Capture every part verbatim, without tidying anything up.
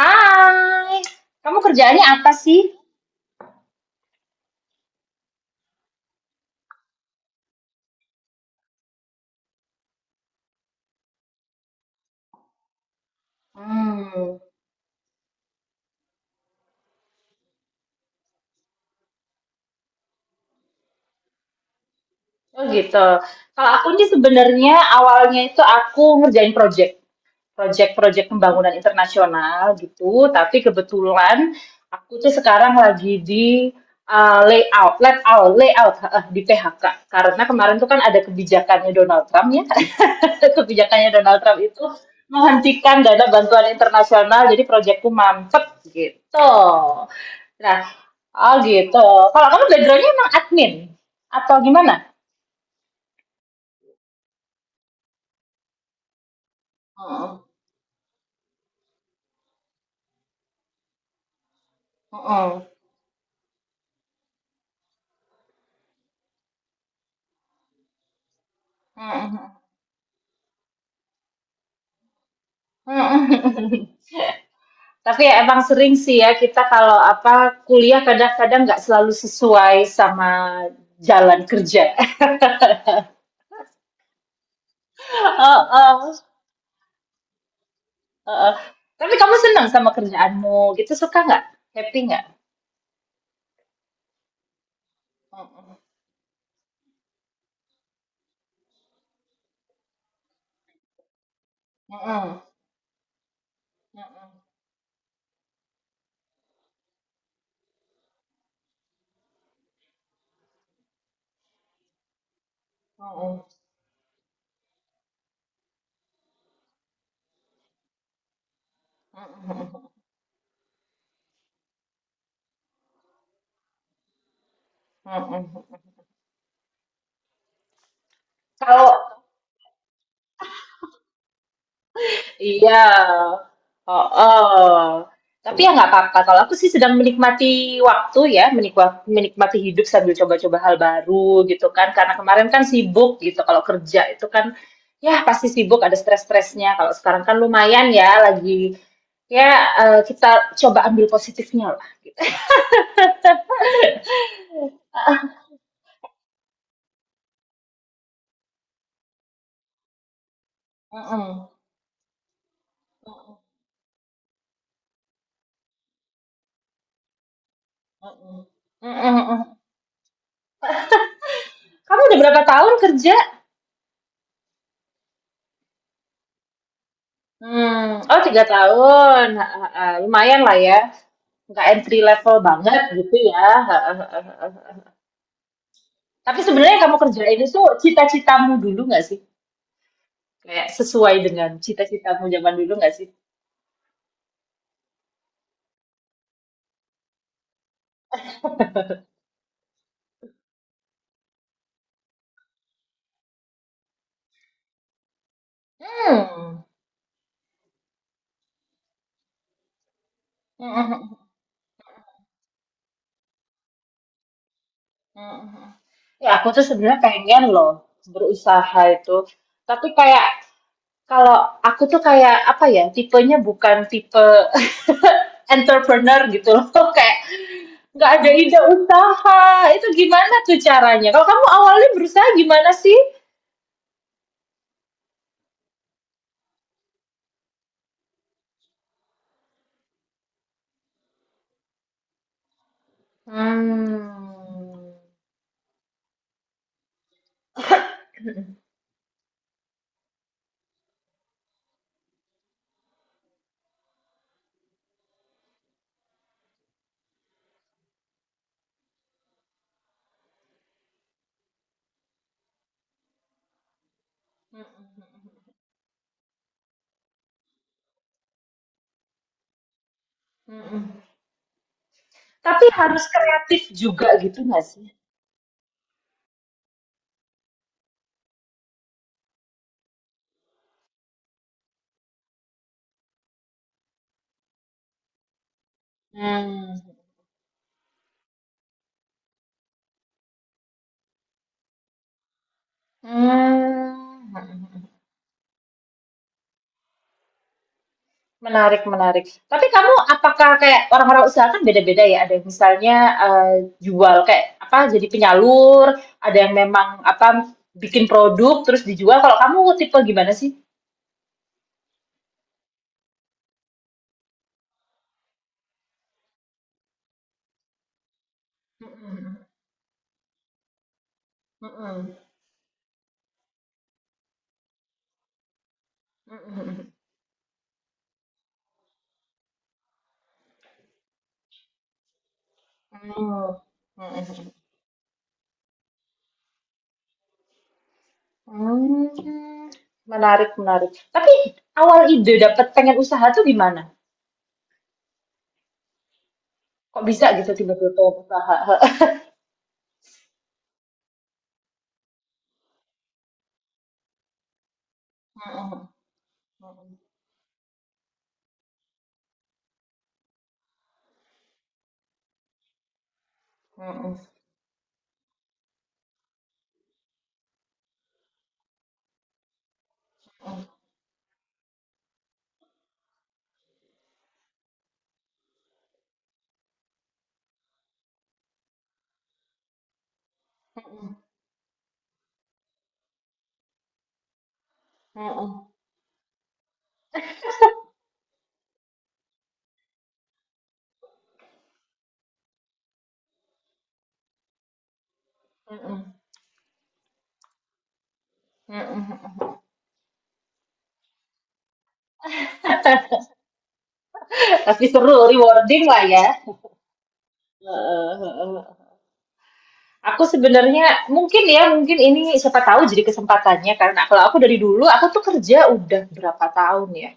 Hai, kamu kerjaannya apa sih? Hmm, oh gitu. Kalau aku sih sebenarnya awalnya itu aku ngerjain project. Proyek-proyek pembangunan internasional gitu, tapi kebetulan aku tuh sekarang lagi di uh, layout, layout, layout heeh, di P H K karena kemarin tuh kan ada kebijakannya Donald Trump ya, kebijakannya Donald Trump itu menghentikan dana bantuan internasional, jadi proyekku mampet gitu. Nah, oh gitu. Kalau kamu backgroundnya emang admin atau gimana? Heeh. Heeh. Heeh. Heeh. Tapi ya emang sering sih ya kita kalau apa kuliah kadang-kadang nggak selalu sesuai sama jalan kerja. Heeh, heeh. Tapi kamu senang sama kerjaanmu gitu suka nggak? Happy nggak? Heeh, heeh, heeh, heeh, heeh, heeh, heeh. Kalau Iya, oh oh. Tapi ya nggak apa-apa, kalau aku sih sedang menikmati waktu ya, menikwa menikmati hidup sambil coba-coba hal baru gitu kan, karena kemarin kan sibuk gitu, kalau kerja itu kan, ya pasti sibuk, ada stres-stresnya, kalau sekarang kan lumayan ya lagi ya, eee, kita coba ambil positifnya lah. Mhm, mhm, mhm, mhm mhm. Kamu udah berapa tahun kerja? Mmm, oh tiga tahun, heeh heeh, lumayan lah ya. Nggak entry level banget gitu ya. Tapi sebenarnya yang kamu kerjain itu cita-citamu dulu nggak sih? Kayak sesuai dengan cita-citamu zaman dulu nggak sih? Hmm. Ya aku tuh sebenarnya pengen loh berusaha itu. Tapi kayak kalau aku tuh kayak apa ya tipenya bukan tipe entrepreneur gitu loh kayak nggak ada ide usaha itu gimana tuh caranya? Kalau kamu awalnya berusaha gimana sih? Mmm. Mhm mhm. Tapi harus kreatif juga gitu nggak sih? Hmm. Hmm. Mhm mhm. Menarik menarik. Tapi kamu apakah kayak orang-orang usaha kan beda-beda ya, ada yang misalnya, eee, jual kayak apa, jadi penyalur, ada yang memang apa, bikin produk terus dijual, kalau kamu tipe gimana sih? Mhm mhm. Mhm. Mhm mhm. Oh. Mhm mhm. Hmm, menarik menarik. Tapi awal ide dapat pengen usaha tuh gimana? Kok bisa gitu tiba-tiba pengen usaha? Heeh. Mhm mhm mhm mhm mhm mhm mhm. Pasti seru, rewarding lah ya. Heeh heeh. Aku sebenarnya mungkin ya, mungkin ini siapa tahu jadi kesempatannya, karena kalau aku dari dulu, aku tuh kerja udah berapa tahun ya?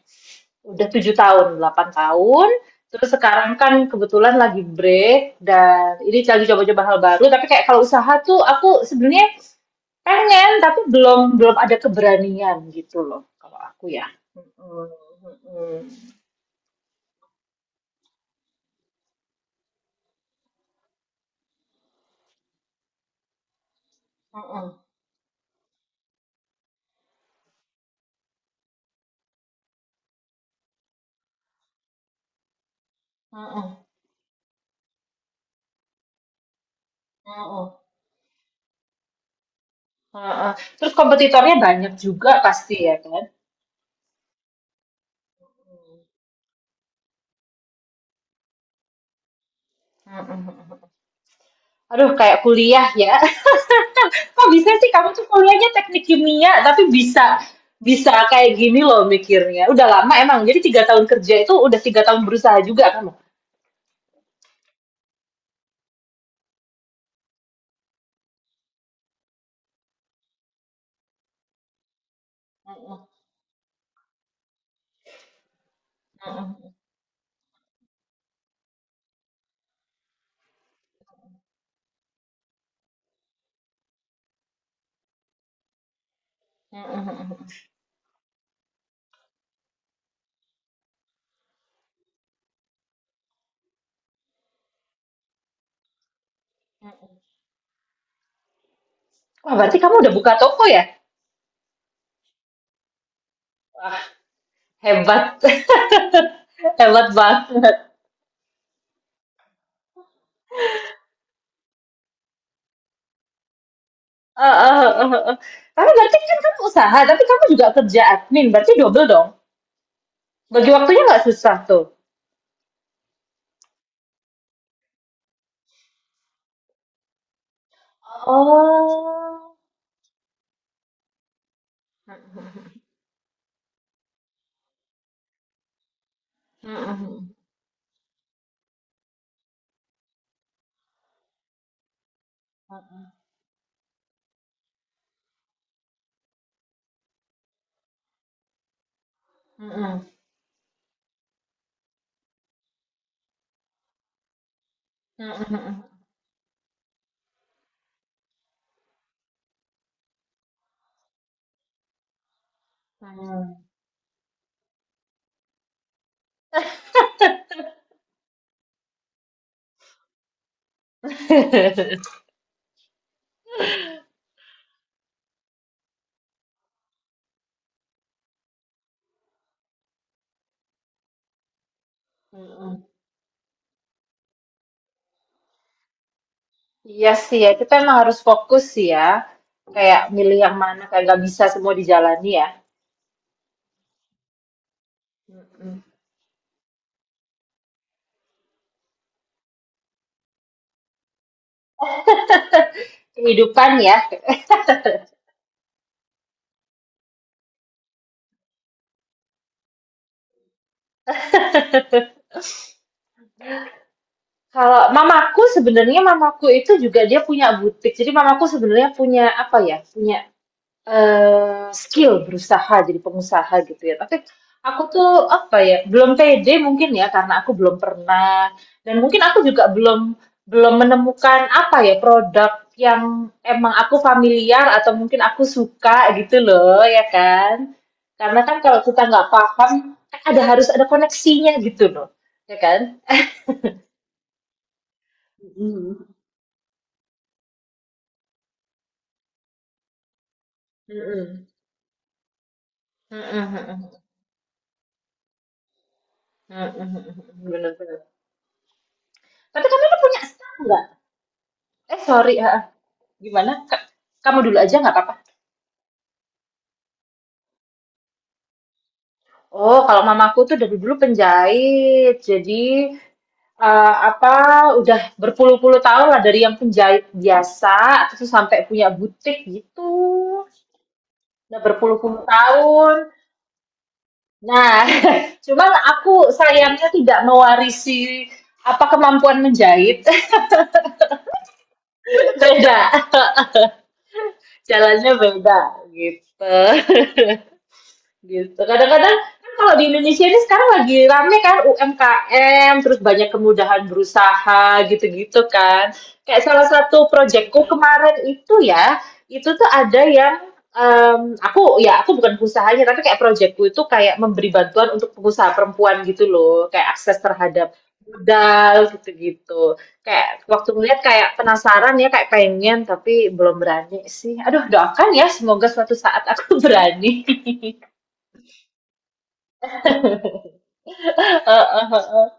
Udah tujuh tahun, delapan tahun. Terus sekarang kan kebetulan lagi break dan ini lagi coba-coba hal baru. Tapi kayak kalau usaha tuh aku sebenarnya pengen tapi belum belum ada keberanian gitu loh kalau aku ya. Mm-mm, mm-mm, mm-mm, mm-mm, mm-mm, mm-mm. Terus kompetitornya banyak juga pasti ya kan. Mm-mm, mm-mm. Aduh kayak kuliah ya. Kok bisa sih kamu tuh kuliahnya teknik kimia tapi bisa bisa kayak gini loh mikirnya. Udah lama emang. Jadi tiga tahun kerja itu udah tiga tahun berusaha juga kamu. Mm-mm, mm-mm, mm-mm. Wah berarti kamu udah buka toko ya? Wah, hebat, hebat banget. Eh, eh, eh, eh. Eh. Tapi berarti kan kamu usaha, tapi kamu juga kerja admin, berarti double dong. Bagi waktunya nggak susah tuh. Oh. Mm-mm, mm-mm, mm-mm, mm-mm. Mm-mm. Iya sih ya, kita emang harus fokus sih ya. Kayak milih yang mana, kayak nggak bisa semua dijalani ya. Mm-mm. Kehidupan ya. Kalau mamaku sebenarnya mamaku itu juga dia punya butik. Jadi mamaku sebenarnya punya apa ya? Punya eh, skill berusaha jadi pengusaha gitu ya. Tapi aku tuh apa ya, belum pede mungkin ya karena aku belum pernah dan mungkin aku juga belum belum menemukan apa ya produk yang emang aku familiar atau mungkin aku suka gitu loh ya kan. Karena kan kalau kita nggak paham kan ada harus ada koneksinya gitu loh ya kan. Mm-mm. Mm-mm. Mm-mm. Mm-mm. Mm-mm. Bener-bener. Tapi kamu tuh punya staff nggak? Eh sorry, ha. Gimana? Ka- Kamu dulu aja nggak apa-apa. Oh, kalau mamaku tuh dari dulu penjahit. Jadi eh, apa udah berpuluh-puluh tahun lah dari yang penjahit biasa terus sampai punya butik gitu. Udah berpuluh-puluh tahun. Nah, cuman aku sayangnya tidak mewarisi apa kemampuan menjahit. Beda, jalannya beda gitu. Gitu. Kadang-kadang kan kalau di Indonesia ini sekarang lagi rame kan U M K M, terus banyak kemudahan berusaha gitu-gitu kan. Kayak salah satu proyekku kemarin itu ya, itu tuh ada yang em, aku ya aku bukan usahanya tapi kayak proyekku itu kayak memberi bantuan untuk pengusaha perempuan gitu loh, kayak akses terhadap modal gitu-gitu. Kayak waktu melihat kayak penasaran ya, kayak pengen tapi belum berani sih. Aduh, doakan ya semoga suatu saat aku berani. Heeh, heeh.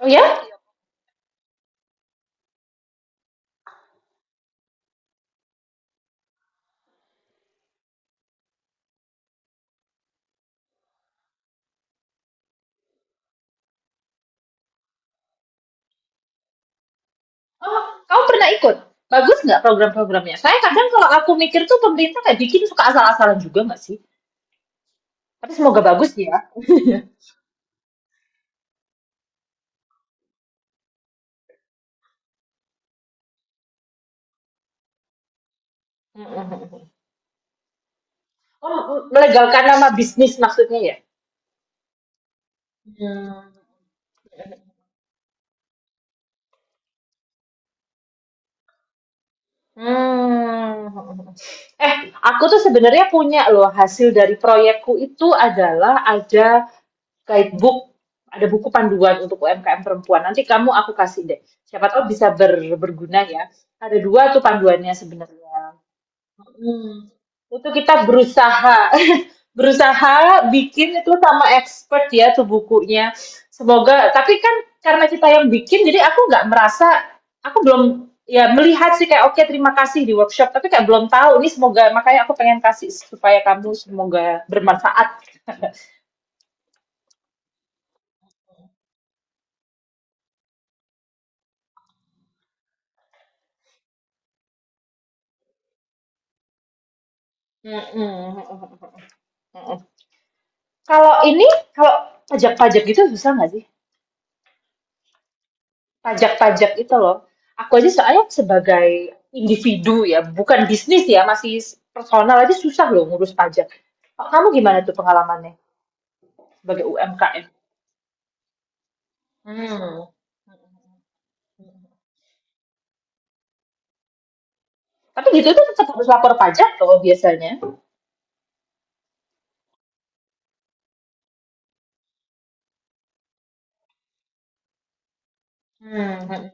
Oh ya? Oh, kamu pernah ikut? Bagus nggak program-programnya? Saya kadang kalau aku mikir tuh pemerintah kayak bikin suka asal-asalan juga nggak sih? Tapi semoga bagus ya. Oh, melegalkan nama bisnis maksudnya ya? Hmm. Hmm. Eh, aku tuh sebenarnya punya loh hasil dari proyekku itu adalah ada guidebook, ada buku panduan untuk U M K M perempuan. Nanti kamu aku kasih deh. Siapa tahu bisa ber- berguna ya. Ada dua tuh panduannya sebenarnya. Hmm. Itu kita berusaha berusaha bikin itu sama expert ya tuh bukunya. Semoga tapi kan karena kita yang bikin jadi aku nggak merasa aku belum ya melihat sih kayak oke terima kasih di workshop tapi kayak belum tahu ini semoga makanya aku pengen kasih supaya kamu semoga bermanfaat. Mm-mm. Kalau ini, kalau pajak-pajak gitu susah nggak sih? Pajak-pajak itu loh. Aku aja soalnya sebagai individu ya, bukan bisnis ya, masih personal aja susah loh ngurus pajak. Kalau kamu gimana tuh pengalamannya sebagai U M K M? Hmm. Tapi gitu tuh tetap harus lapor pajak loh biasanya. Hmm.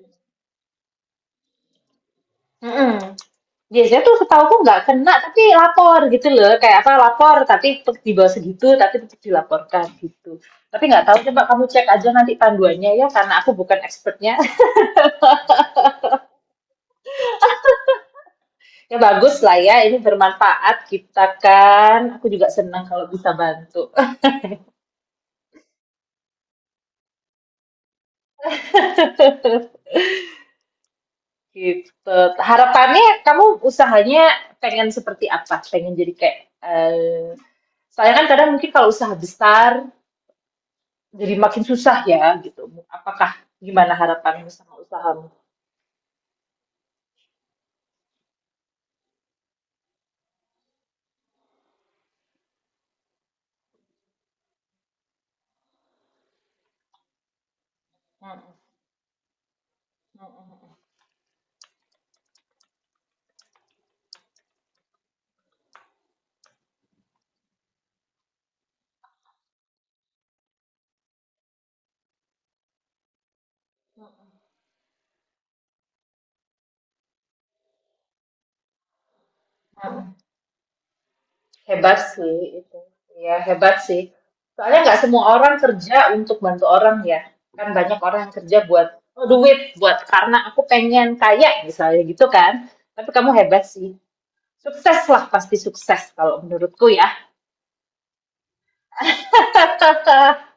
Mm-mm. Biasanya tuh setahuku nggak kena, tapi lapor gitu loh. Kayak apa, lapor tapi tetep di bawah segitu, tapi tetap dilaporkan gitu. Tapi nggak tahu, coba kamu cek aja nanti panduannya ya, karena aku bukan expertnya. Ya bagus lah ya, ini bermanfaat kita kan. Aku juga senang kalau bisa bantu. Gitu. Harapannya kamu usahanya pengen seperti apa? Pengen jadi kayak eh soalnya kan kadang mungkin kalau usaha besar jadi makin susah ya gitu. Apakah gimana harapanmu sama usahamu? Mhm, mhm, mhm. Hebat sih itu. Ya hebat sih. Soalnya nggak semua orang kerja untuk bantu orang ya. Kan banyak orang yang kerja buat "Oh, duit, buat karena aku pengen kaya misalnya gitu kan. Tapi kamu hebat sih. Sukses lah, pasti sukses kalau menurutku ya.